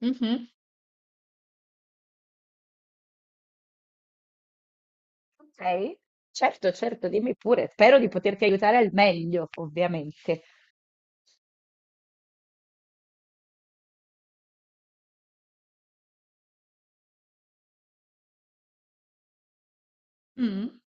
Mhm. Ok, certo, certo, dimmi pure. Spero di poterti aiutare al meglio, ovviamente. Mm.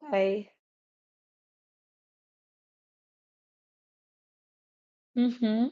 Ok. Mhm.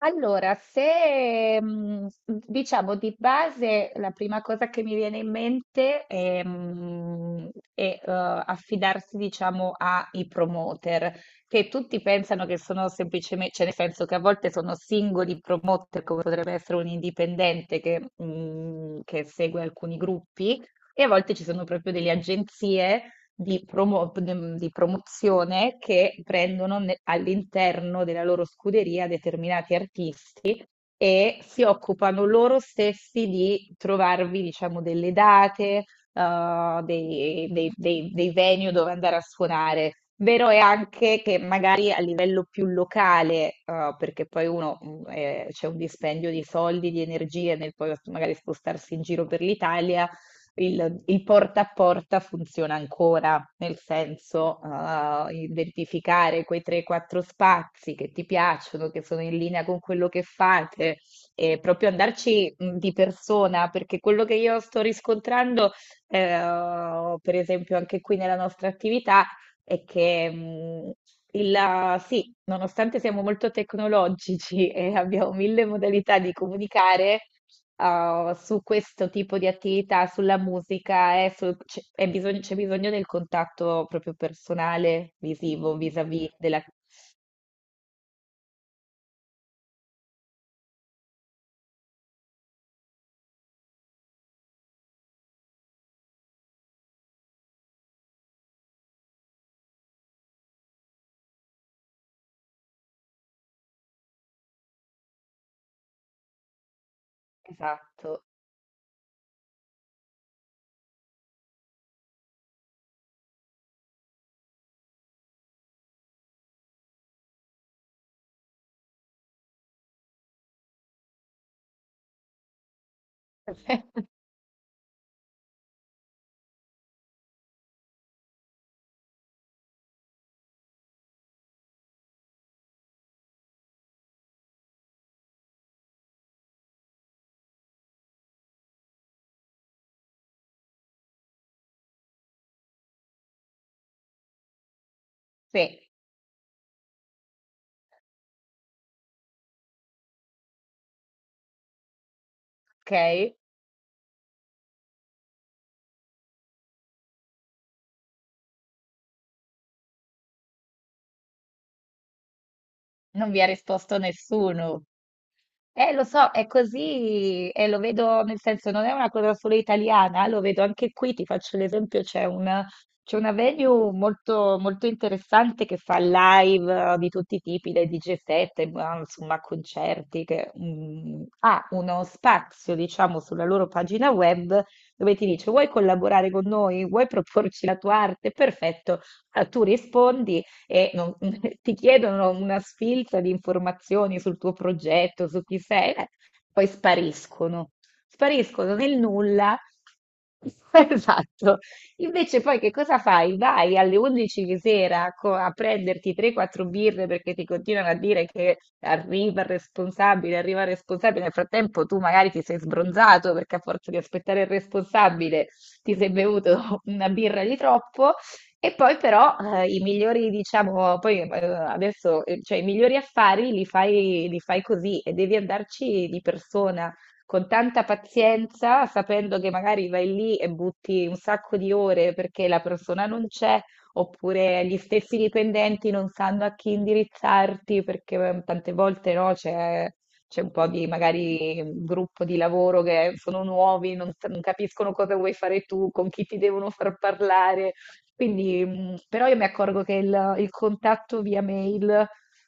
Allora, se mhmm, mhmm, diciamo di base la prima cosa che mi viene in mente, è, affidarsi, diciamo, ai promoter, che tutti pensano che sono semplicemen, cioè, nel senso che a volte sono singoli promoter, come potrebbe essere un indipendente che che segue alcuni gruppi, e a volte ci sono proprio delle agenzie di, di promozione che prendono all'interno della loro scuderia determinati artisti e si occupano loro stessi di trovarvi, diciamo, delle date, dei venue dove andare a suonare. Vero è anche che magari a livello più locale, perché poi uno c'è un dispendio di soldi, di energie nel poi magari spostarsi in giro per l'Italia, il porta a porta funziona ancora, nel senso, identificare quei 3-4 spazi che ti piacciono, che sono in linea con quello che fate, e proprio andarci di persona, perché quello che io sto riscontrando, per esempio, anche qui nella nostra attività, è che sì, nonostante siamo molto tecnologici e abbiamo mille modalità di comunicare, su questo tipo di attività, sulla musica, c'è è bisogno, c'è bisogno del contatto proprio personale, visivo, vis-à-vis della... Esatto. Sì, ok. Non vi ha risposto nessuno. Lo so, è così, e lo vedo, nel senso, non è una cosa solo italiana, lo vedo anche qui, ti faccio l'esempio, c'è una venue molto, molto interessante che fa live, di tutti i tipi, dai DJ set, ma, insomma, concerti, che mm, ha uno spazio, diciamo, sulla loro pagina web dove ti dice: vuoi collaborare con noi? Vuoi proporci la tua arte? Perfetto. Ah, tu rispondi e ti chiedono una sfilza di informazioni sul tuo progetto, su chi sei, poi spariscono, spariscono nel nulla. Esatto. Invece poi che cosa fai? Vai alle 11 di sera a prenderti 3-4 birre perché ti continuano a dire che arriva il responsabile, arriva il responsabile. Nel frattempo tu magari ti sei sbronzato perché a forza di aspettare il responsabile ti sei bevuto una birra di troppo, e poi però, i migliori, diciamo, poi, adesso, cioè i migliori affari li fai così e devi andarci di persona, con tanta pazienza, sapendo che magari vai lì e butti un sacco di ore perché la persona non c'è, oppure gli stessi dipendenti non sanno a chi indirizzarti perché, tante volte, no, c'è un po' di magari un gruppo di lavoro che sono nuovi, non, non capiscono cosa vuoi fare tu, con chi ti devono far parlare. Quindi, però io mi accorgo che il contatto via mail,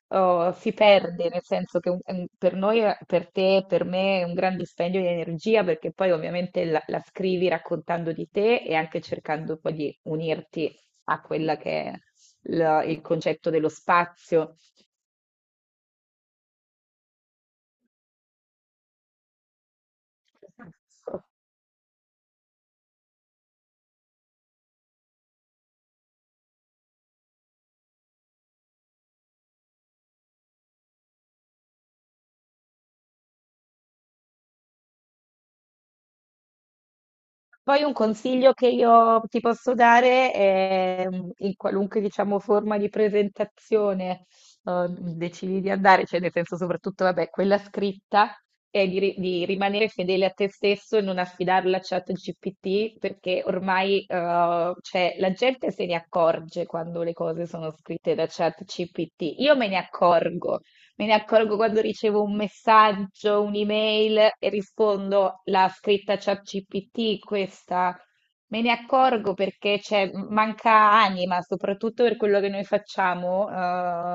oh, si perde, nel senso che per noi, per te, per me è un gran dispendio di energia, perché poi ovviamente la scrivi raccontando di te e anche cercando poi di unirti a quella che è il concetto dello spazio. Poi un consiglio che io ti posso dare è mm, in qualunque, diciamo, forma di presentazione eh, decidi di andare, cioè nel senso, soprattutto, vabbè, quella scritta, è di, di rimanere fedele a te stesso e non affidarla a ChatGPT, perché ormai, cioè, la gente se ne accorge quando le cose sono scritte da ChatGPT. Io me ne accorgo. Me ne accorgo quando ricevo un messaggio, un'email e rispondo: la scritta ChatGPT, questa. Me ne accorgo perché c'è, manca anima, soprattutto per quello che noi facciamo,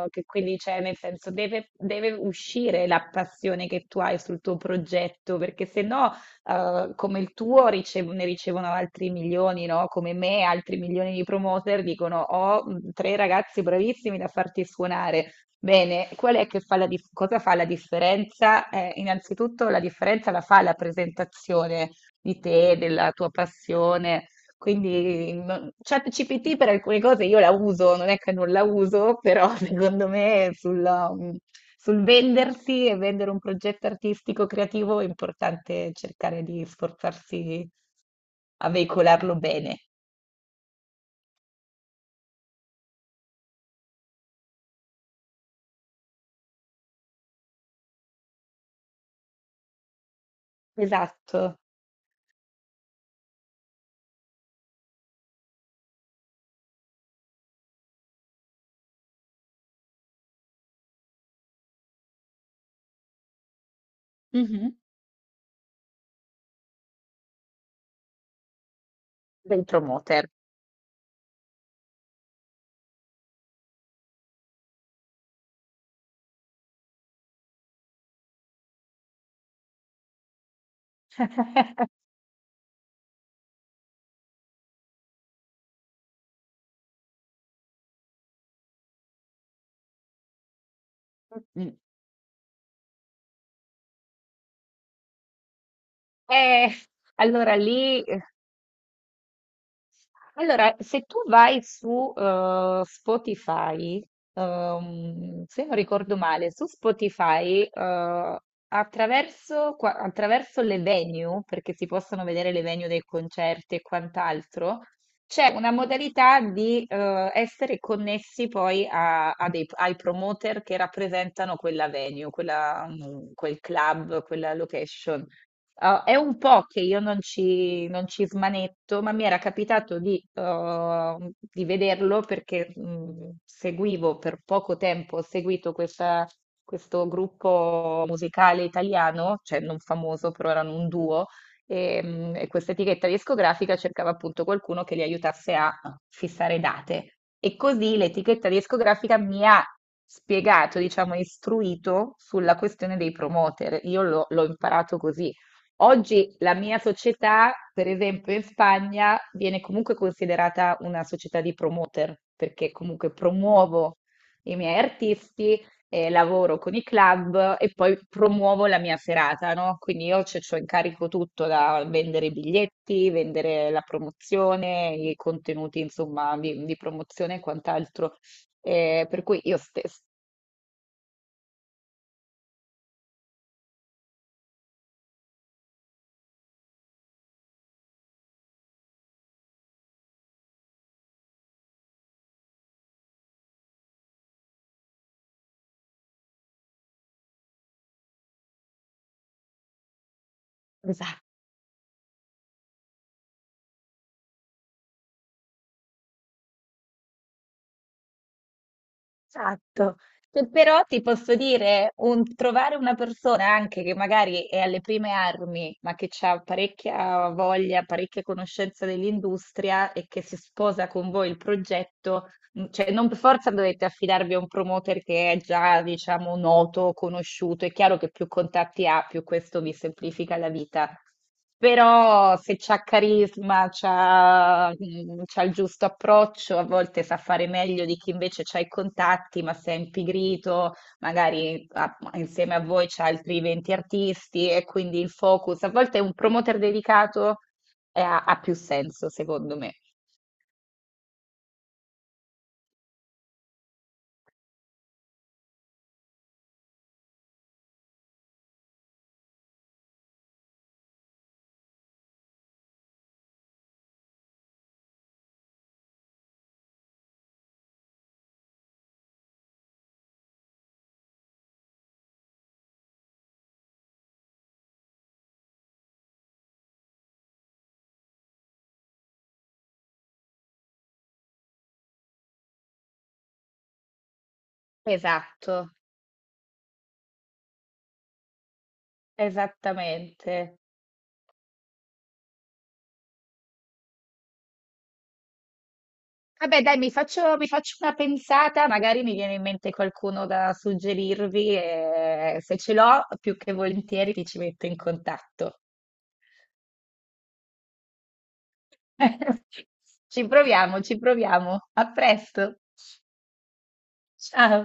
che quindi c'è, nel senso, deve, deve uscire la passione che tu hai sul tuo progetto, perché se no, come il tuo ne ricevono altri milioni, no? Come me, altri milioni di promoter dicono: ho mm, tre ragazzi bravissimi da farti suonare. Bene, qual è che fa la cosa fa la differenza? Innanzitutto la differenza la fa la presentazione di te, della tua passione. Quindi ChatGPT per alcune cose io la uso, non è che non la uso, però secondo me sulla, mm, sul vendersi e vendere un progetto artistico creativo è importante cercare di sforzarsi a veicolarlo bene. Esatto. Mhm. Del promoter. Eh, allora lì, allora se tu vai su Spotify, se non ricordo male, su Spotify, attraverso, attraverso le venue, perché si possono vedere le venue dei concerti e quant'altro, c'è una modalità di, essere connessi poi ai promoter che rappresentano quella venue, quella, mm, quel club, quella location. Ah, è un po' che io non ci smanetto, ma mi era capitato di vederlo perché seguivo per poco tempo, ho seguito questo gruppo musicale italiano, cioè non famoso, però erano un duo, e questa etichetta discografica cercava appunto qualcuno che li aiutasse a fissare date. E così l'etichetta discografica mi ha spiegato, diciamo, istruito sulla questione dei promoter. Io l'ho imparato così. Oggi la mia società, per esempio in Spagna, viene comunque considerata una società di promoter, perché comunque promuovo i miei artisti, lavoro con i club e poi promuovo la mia serata, no? Quindi io c'ho in carico tutto, da vendere i biglietti, vendere la promozione, i contenuti, insomma, di promozione e quant'altro. Per cui io stessa. Esatto. Però ti posso dire, trovare una persona anche che magari è alle prime armi, ma che ha parecchia voglia, parecchia conoscenza dell'industria e che si sposa con voi il progetto, mm, cioè, non per forza dovete affidarvi a un promoter che è già, diciamo, noto, conosciuto. È chiaro che più contatti ha, più questo vi semplifica la vita. Però se c'ha carisma, c'ha, mm, c'ha il giusto approccio, a volte sa fare meglio di chi invece c'ha i contatti, ma se è impigrito, magari insieme a voi c'ha altri 20 artisti e quindi il focus. A volte un promoter dedicato ha più senso, secondo me. Esatto. Esattamente. Vabbè, dai, mi faccio una pensata, magari mi viene in mente qualcuno da suggerirvi e se ce l'ho, più che volentieri ti ci metto in contatto. Ci proviamo, ci proviamo. A presto. Ciao.